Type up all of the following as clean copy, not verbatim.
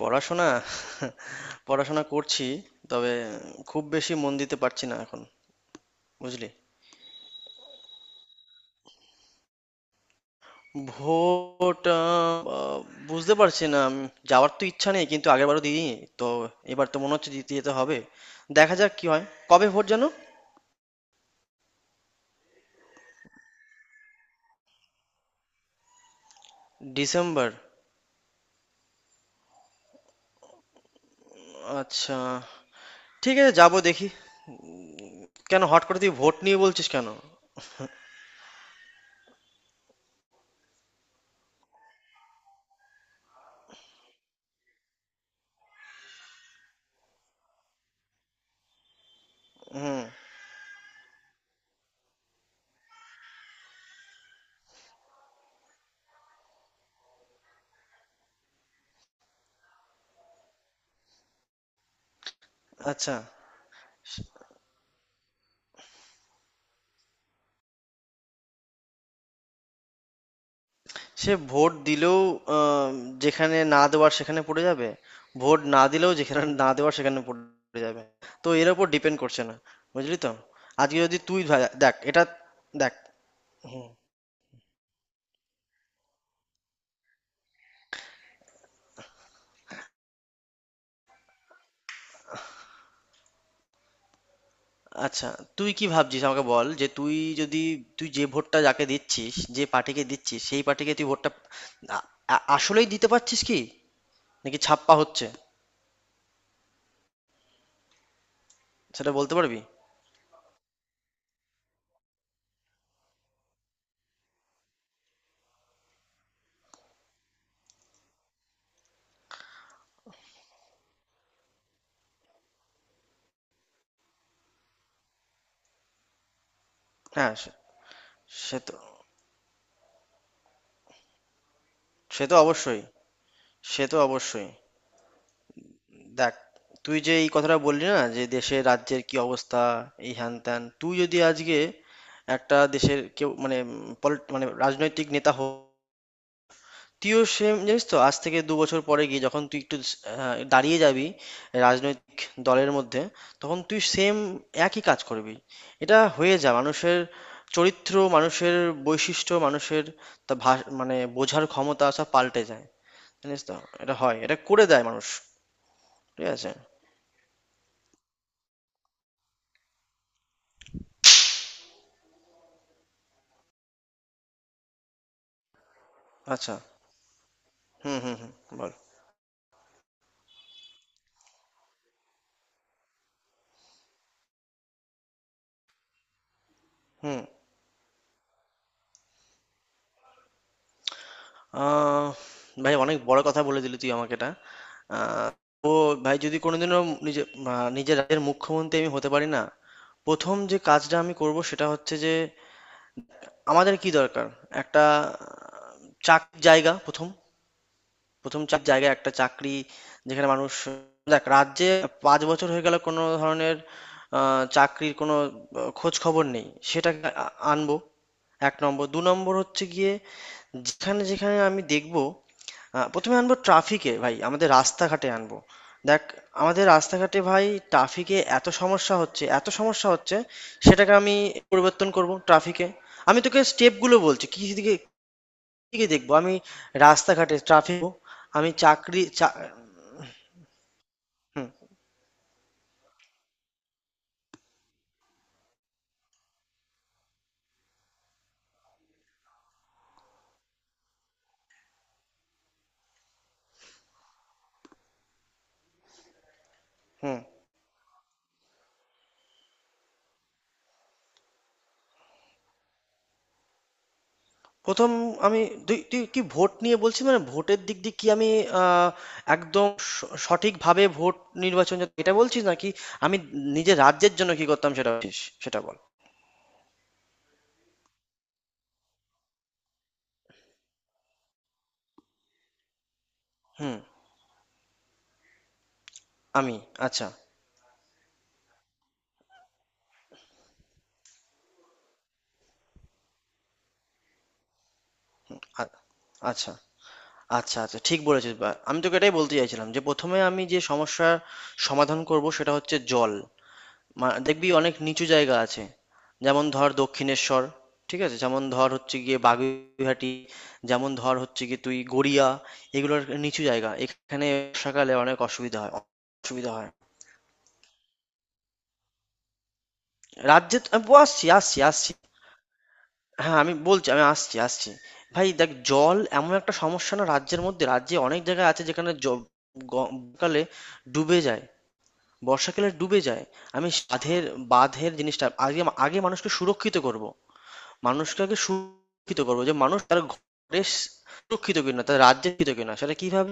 পড়াশোনা পড়াশোনা করছি তবে খুব বেশি মন দিতে পারছি না এখন, বুঝলি। ভোট, আহ, আহ, বুঝতে পারছি না, যাওয়ার তো ইচ্ছা নেই, কিন্তু আগের বারও দিইনি, তো এবার তো মনে হচ্ছে দিতে যেতে হবে। দেখা যাক কি হয়। কবে ভোট যেন? ডিসেম্বর? আচ্ছা, ঠিক আছে, যাবো দেখি। কেন হট করে তুই ভোট নিয়ে বলছিস কেন? হুম। আচ্ছা। সে ভোট দিলেও, আহ, যেখানে না দেওয়ার সেখানে পড়ে যাবে, ভোট না দিলেও যেখানে না দেওয়ার সেখানে পড়ে যাবে। তো এর উপর ডিপেন্ড করছে না, বুঝলি তো। আজকে যদি তুই দেখ এটা, দেখ। আচ্ছা, তুই কি ভাবছিস আমাকে বল, যে তুই যদি, তুই যে ভোটটা যাকে দিচ্ছিস, যে পার্টিকে দিচ্ছিস, সেই পার্টিকে তুই ভোটটা আ- আসলেই দিতে পারছিস কি, নাকি ছাপ্পা হচ্ছে সেটা বলতে পারবি? হ্যাঁ সে, সে তো, সে তো অবশ্যই, সে তো অবশ্যই। দেখ, তুই যে এই কথাটা বললি না, যে দেশের রাজ্যের কি অবস্থা, এই হ্যান ত্যান, তুই যদি আজকে একটা দেশের কেউ, মানে মানে রাজনৈতিক নেতা হোক, তুইও সেম, জানিস তো, আজ থেকে দু বছর পরে গিয়ে যখন তুই একটু দাঁড়িয়ে যাবি রাজনৈতিক দলের মধ্যে, তখন তুই সেম একই কাজ করবি। এটা হয়ে যা মানুষের চরিত্র, মানুষের বৈশিষ্ট্য, মানুষের মানে বোঝার ক্ষমতা, সব পাল্টে যায়, জানিস তো। এটা হয়, এটা করে দেয় মানুষ। ঠিক আছে। আচ্ছা। হুম, হুম, হুম, বল। হুম, আহ ভাই, অনেক বড় কথা বলে দিলি তুই আমাকে এটা। আ তো ভাই, যদি কোনোদিনও নিজে, নিজের রাজ্যের মুখ্যমন্ত্রী আমি হতে পারি না, ১ম যে কাজটা আমি করব সেটা হচ্ছে যে আমাদের কি দরকার? একটা চাকরির জায়গা, ১ম, ১ম চাকরির জায়গা, একটা চাকরি যেখানে মানুষ। দেখ, রাজ্যে ৫ বছর হয়ে গেল কোনো ধরনের আ চাকরির কোনো খোঁজখবর নেই। সেটাকে আনবো ১ নম্বর। ২ নম্বর হচ্ছে গিয়ে, যেখানে আমি দেখবো, প্রথমে আনবো ট্রাফিকে ভাই, আমাদের রাস্তাঘাটে আনবো। দেখ, আমাদের রাস্তাঘাটে ভাই, ট্রাফিকে এত সমস্যা হচ্ছে, এত সমস্যা হচ্ছে, সেটাকে আমি পরিবর্তন করবো ট্রাফিকে। আমি তোকে স্টেপগুলো বলছি কি দিকে, দিকে দেখবো আমি রাস্তাঘাটে ট্রাফিক। আমি চাকরি চা। হুম, হুম। ১ম আমি, তুই তুই কি ভোট নিয়ে বলছিস, মানে ভোটের দিক দিয়ে কি আমি আ একদম স সঠিকভাবে ভোট নির্বাচন এটা বলছিস, নাকি আমি নিজের রাজ্যের জন্য কি করতাম সেটা বলছিস? সেটা বল। হুম। আমি। আচ্ছা। আ আচ্ছা, আচ্ছা, আচ্ছা, ঠিক বলেছিস, বা আমি তোকে এটাই বলতে চাইছিলাম, যে প্রথমে আমি যে সমস্যার সমাধান করব সেটা হচ্ছে জল। মা দেখবি অনেক নিচু জায়গা আছে। যেমন ধর দক্ষিণেশ্বর, ঠিক আছে, যেমন ধর হচ্ছে গিয়ে বাগুইআটি, যেমন ধর হচ্ছে গিয়ে তুই গড়িয়া, এগুলোর নিচু জায়গা, এখানে বর্ষাকালে অনেক অসুবিধা হয়, অসুবিধা হয়। রাজ্যে আমি আসছি, আসছি, আসছি, হ্যাঁ আমি বলছি, আমি আসছি, আসছি। ভাই দেখ, জল এমন একটা সমস্যা না, রাজ্যের মধ্যে, রাজ্যে অনেক জায়গা আছে যেখানে গ- কালে ডুবে যায়, বর্ষাকালে ডুবে যায়। আমি বাঁধের, জিনিসটা আগে, আগে মানুষকে সুরক্ষিত করব, মানুষটাকে সুরক্ষিত করবো, যে মানুষ তার ঘরে সুরক্ষিত কিনা, তার রাজ্যে সুরক্ষিত কিনা, সেটা কিভাবে,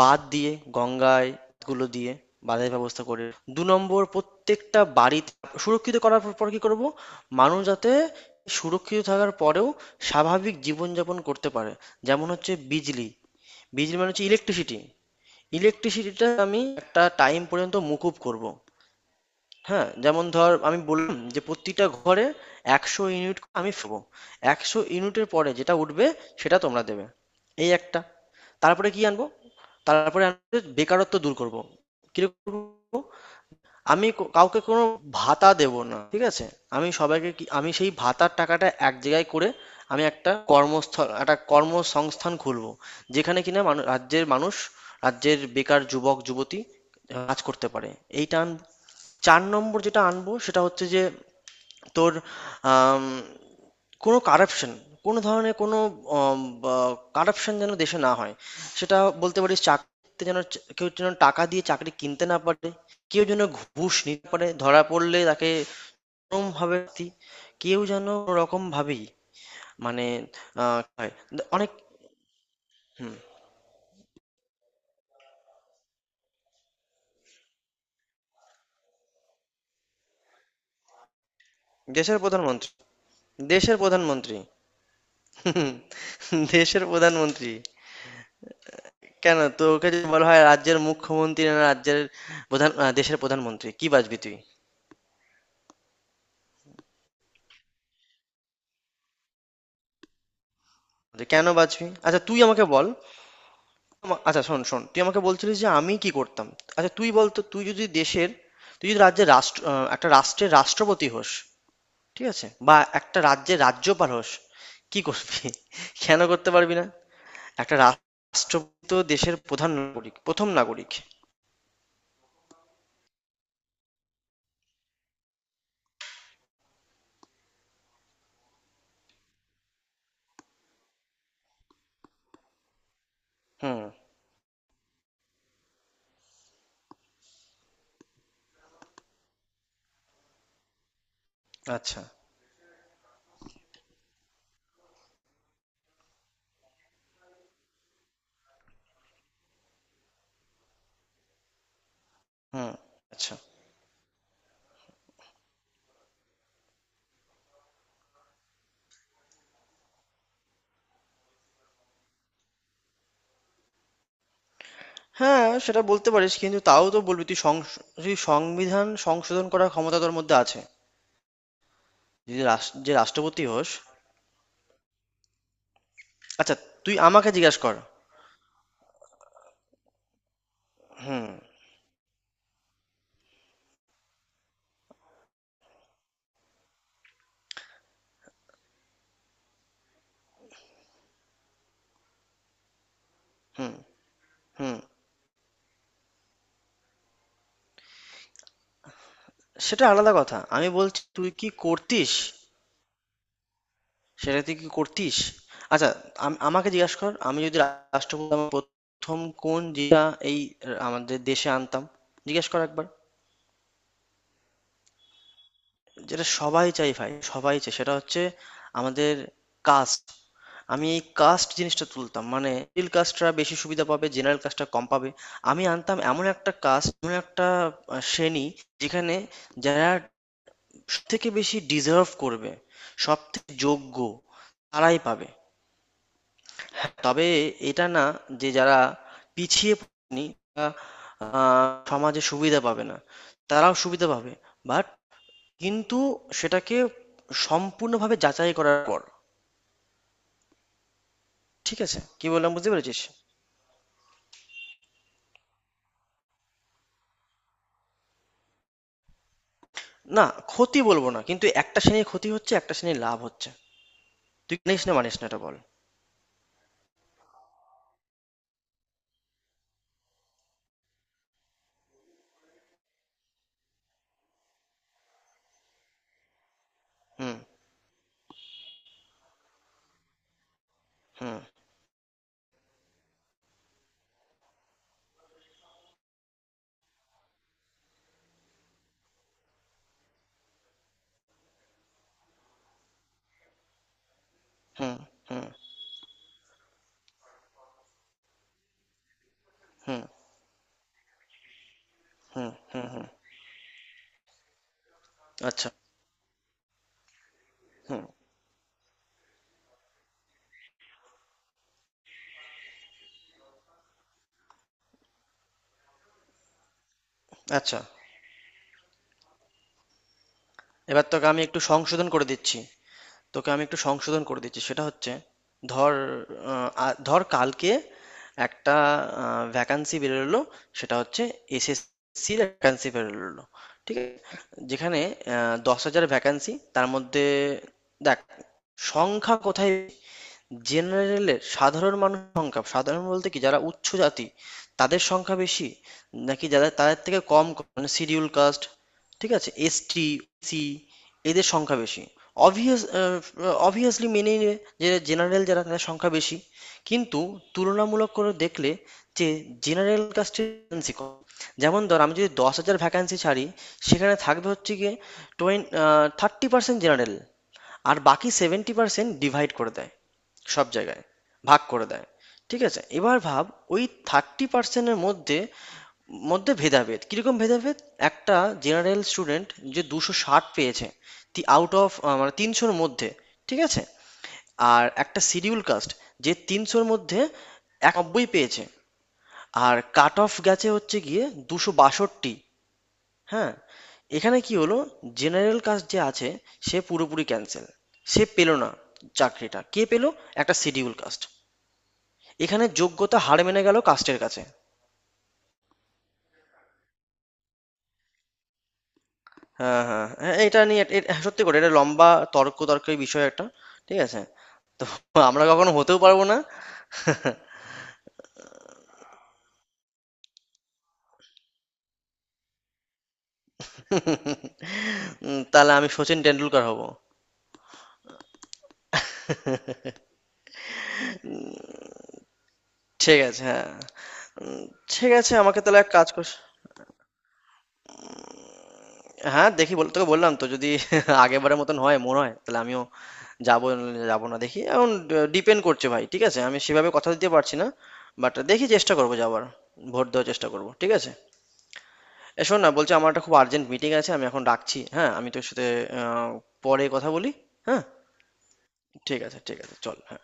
বাঁধ দিয়ে, গঙ্গায় গুলো দিয়ে, বাঁধের ব্যবস্থা করে। দু নম্বর, প্রত্যেকটা বাড়িতে সুরক্ষিত করার পর কি করব, মানুষ যাতে সুরক্ষিত থাকার পরেও স্বাভাবিক জীবনযাপন করতে পারে, যেমন হচ্ছে বিজলি। বিজলি মানে হচ্ছে ইলেকট্রিসিটি। ইলেকট্রিসিটিটা আমি একটা টাইম পর্যন্ত মকুব করব। হ্যাঁ, যেমন ধর আমি বললাম যে প্রতিটা ঘরে ১০০ ইউনিট করে আমি ফেলবো, ১০০ ইউনিটের পরে যেটা উঠবে সেটা তোমরা দেবে। এই একটা। তারপরে কি আনবো, তারপরে আনবো বেকারত্ব দূর করব। কিরকম করবো? আমি কাউকে কোনো ভাতা দেব না, ঠিক আছে। আমি সবাইকে কি, আমি সেই ভাতার টাকাটা এক জায়গায় করে আমি একটা কর্মস্থল, একটা কর্মসংস্থান খুলবো, যেখানে কিনা রাজ্যের মানুষ, রাজ্যের বেকার যুবক যুবতী কাজ করতে পারে। এইটা আনবো। চার নম্বর যেটা আনবো সেটা হচ্ছে যে তোর, আম, কোনো কারাপশন, কোনো ধরনের কোনো কারাপশন যেন দেশে না হয়। সেটা বলতে পারিস, চাকরিতে যেন কেউ যেন টাকা দিয়ে চাকরি কিনতে না পারে, কেউ যেন ঘুষ নিতে পারে, ধরা পড়লে তাকে কোনোভাবে শাস্তি, কেউ যেন রকম ভাবেই মানে, কি হয়, অনেক। দেশের প্রধানমন্ত্রী, দেশের প্রধানমন্ত্রী। দেশের প্রধানমন্ত্রী। কেন, তোকে যদি বলা হয় রাজ্যের মুখ্যমন্ত্রী, না রাজ্যের দেশের প্রধানমন্ত্রী, কি বাজবি তুই? তো কেন বাজবি, আচ্ছা তুই আমাকে বল। আচ্ছা শোন, শোন, তুই আমাকে বলছিলিস যে আমি কি করতাম। আচ্ছা তুই বল তো, তুই যদি দেশের, তুই যদি রাজ্যের একটা রাষ্ট্রের রাষ্ট্রপতি হোস, ঠিক আছে, বা একটা রাজ্যের রাজ্যপাল হোস, কি করবি? কেন করতে পারবি না? একটা রাষ্ট্রপতি তো দেশের প্রধান নাগরিক, প্রথম নাগরিক। হুম। আচ্ছা। হুম। আচ্ছা। হ্যাঁ, সেটা বলতে পারিস। কিন্তু তাও তো বলবি, তুই সংবিধান সংশোধন করার ক্ষমতা তোর মধ্যে আছে। যদি রাষ যে রাষ্ট্রপতি হোস। আচ্ছা, তুই আমাকে জিজ্ঞাসা কর। হুম, হুম। সেটা আলাদা কথা। আমি বলছি তুই কি করতিস? সেটা তুই কি করতিস? আচ্ছা, আমাকে জিজ্ঞাসা কর, আমি যদি রাষ্ট্রপতি হতাম ১ম কোন জিনিসটা এই আমাদের দেশে আনতাম? জিজ্ঞেস কর একবার। যেটা সবাই চায় ভাই, সবাই চায়। সেটা হচ্ছে আমাদের কাস্ট। আমি এই কাস্ট জিনিসটা তুলতাম। মানে মিডল কাস্টরা বেশি সুবিধা পাবে, জেনারেল কাস্টরা কম পাবে। আমি আনতাম এমন একটা কাস্ট, এমন একটা শ্রেণী, যেখানে যারা সবথেকে বেশি ডিজার্ভ করবে, সবথেকে যোগ্য, তারাই পাবে। তবে এটা না যে যারা পিছিয়ে পড়েনি তারা, সমাজে সুবিধা পাবে না, তারাও সুবিধা পাবে। বাট কিন্তু সেটাকে সম্পূর্ণভাবে যাচাই করার পর। ঠিক আছে, কি বললাম বুঝতে পেরেছিস? না, ক্ষতি বলব না। কিন্তু একটা শ্রেণীর ক্ষতি হচ্ছে, একটা শ্রেণীর লাভ হচ্ছে। তুই মানিস না মানিস না এটা বল? হুম, হুম, হুম, হুম, হুম, হুম, হুম, হুম। আচ্ছা, হুম, আচ্ছা। এবার তোকে আমি একটু সংশোধন করে দিচ্ছি। তোকে আমি একটু সংশোধন করে দিচ্ছি। সেটা হচ্ছে, ধর, ধর কালকে একটা ভ্যাকান্সি বেরোলো, সেটা হচ্ছে এসএসসি ভ্যাকান্সি বেরোলো, ঠিক আছে, যেখানে দশ হাজার ভ্যাকান্সি, তার মধ্যে দেখ সংখ্যা কোথায়, জেনারেলের, সাধারণ মানুষ সংখ্যা, সাধারণ বলতে কি যারা উচ্চ জাতি, তাদের সংখ্যা বেশি, নাকি যারা তাদের থেকে কম, মানে শিডিউল কাস্ট, ঠিক আছে, এসটি, সি, এদের সংখ্যা বেশি। অবভিয়াস, অবভিয়াসলি মেনে নিবে যে জেনারেল যারা তাদের সংখ্যা বেশি। কিন্তু তুলনামূলক করে দেখলে যে জেনারেল কাস্টের ভ্যাকেন্সি কম। যেমন ধর আমি যদি দশ হাজার ভ্যাকান্সি ছাড়ি, সেখানে থাকবে হচ্ছে গিয়ে টোয়েন থার্টি পার্সেন্ট জেনারেল, আর বাকি সেভেন্টি পার্সেন্ট ডিভাইড করে দেয় সব জায়গায়, ভাগ করে দেয়, ঠিক আছে। এবার ভাব, ওই থার্টি পার্সেন্টের মধ্যে মধ্যে ভেদাভেদ, কিরকম ভেদাভেদ, একটা জেনারেল স্টুডেন্ট যে দুশো ষাট পেয়েছে আউট অফ, মানে তিনশোর মধ্যে, ঠিক আছে, আর একটা শিডিউল কাস্ট যে তিনশোর মধ্যে একানব্বই পেয়েছে, আর কাট অফ গেছে হচ্ছে গিয়ে দুশো বাষট্টি। হ্যাঁ, এখানে কি হলো, জেনারেল কাস্ট যে আছে সে পুরোপুরি ক্যান্সেল, সে পেলো না। চাকরিটা কে পেলো, একটা শিডিউল কাস্ট। এখানে যোগ্যতা হার মেনে গেল কাস্টের কাছে। হ্যাঁ হ্যাঁ হ্যাঁ, এটা নিয়ে সত্যি করে, এটা লম্বা তর্কের বিষয় একটা। ঠিক আছে। তো আমরা কখনো হতেও পারবো না। তাহলে আমি সচিন টেন্ডুলকার হব। ঠিক আছে, হ্যাঁ। উম, ঠিক আছে, আমাকে তাহলে এক কাজ কর। হ্যাঁ দেখি, বল, তোকে বললাম তো, যদি আগেরবারের মতন হয় মনে হয় তাহলে আমিও যাবো, নাহলে যাবো না, দেখি এখন। ডিপেন্ড করছে ভাই, ঠিক আছে, আমি সেভাবে কথা দিতে পারছি না, বাট দেখি চেষ্টা করবো যাবার, ভোট দেওয়ার চেষ্টা করবো, ঠিক আছে। এ শোন না, বলছি আমার একটা খুব আর্জেন্ট মিটিং আছে, আমি এখন রাখছি, হ্যাঁ আমি তোর সাথে আহ, পরে কথা বলি। হ্যাঁ, ঠিক আছে, ঠিক আছে, চল, হ্যাঁ।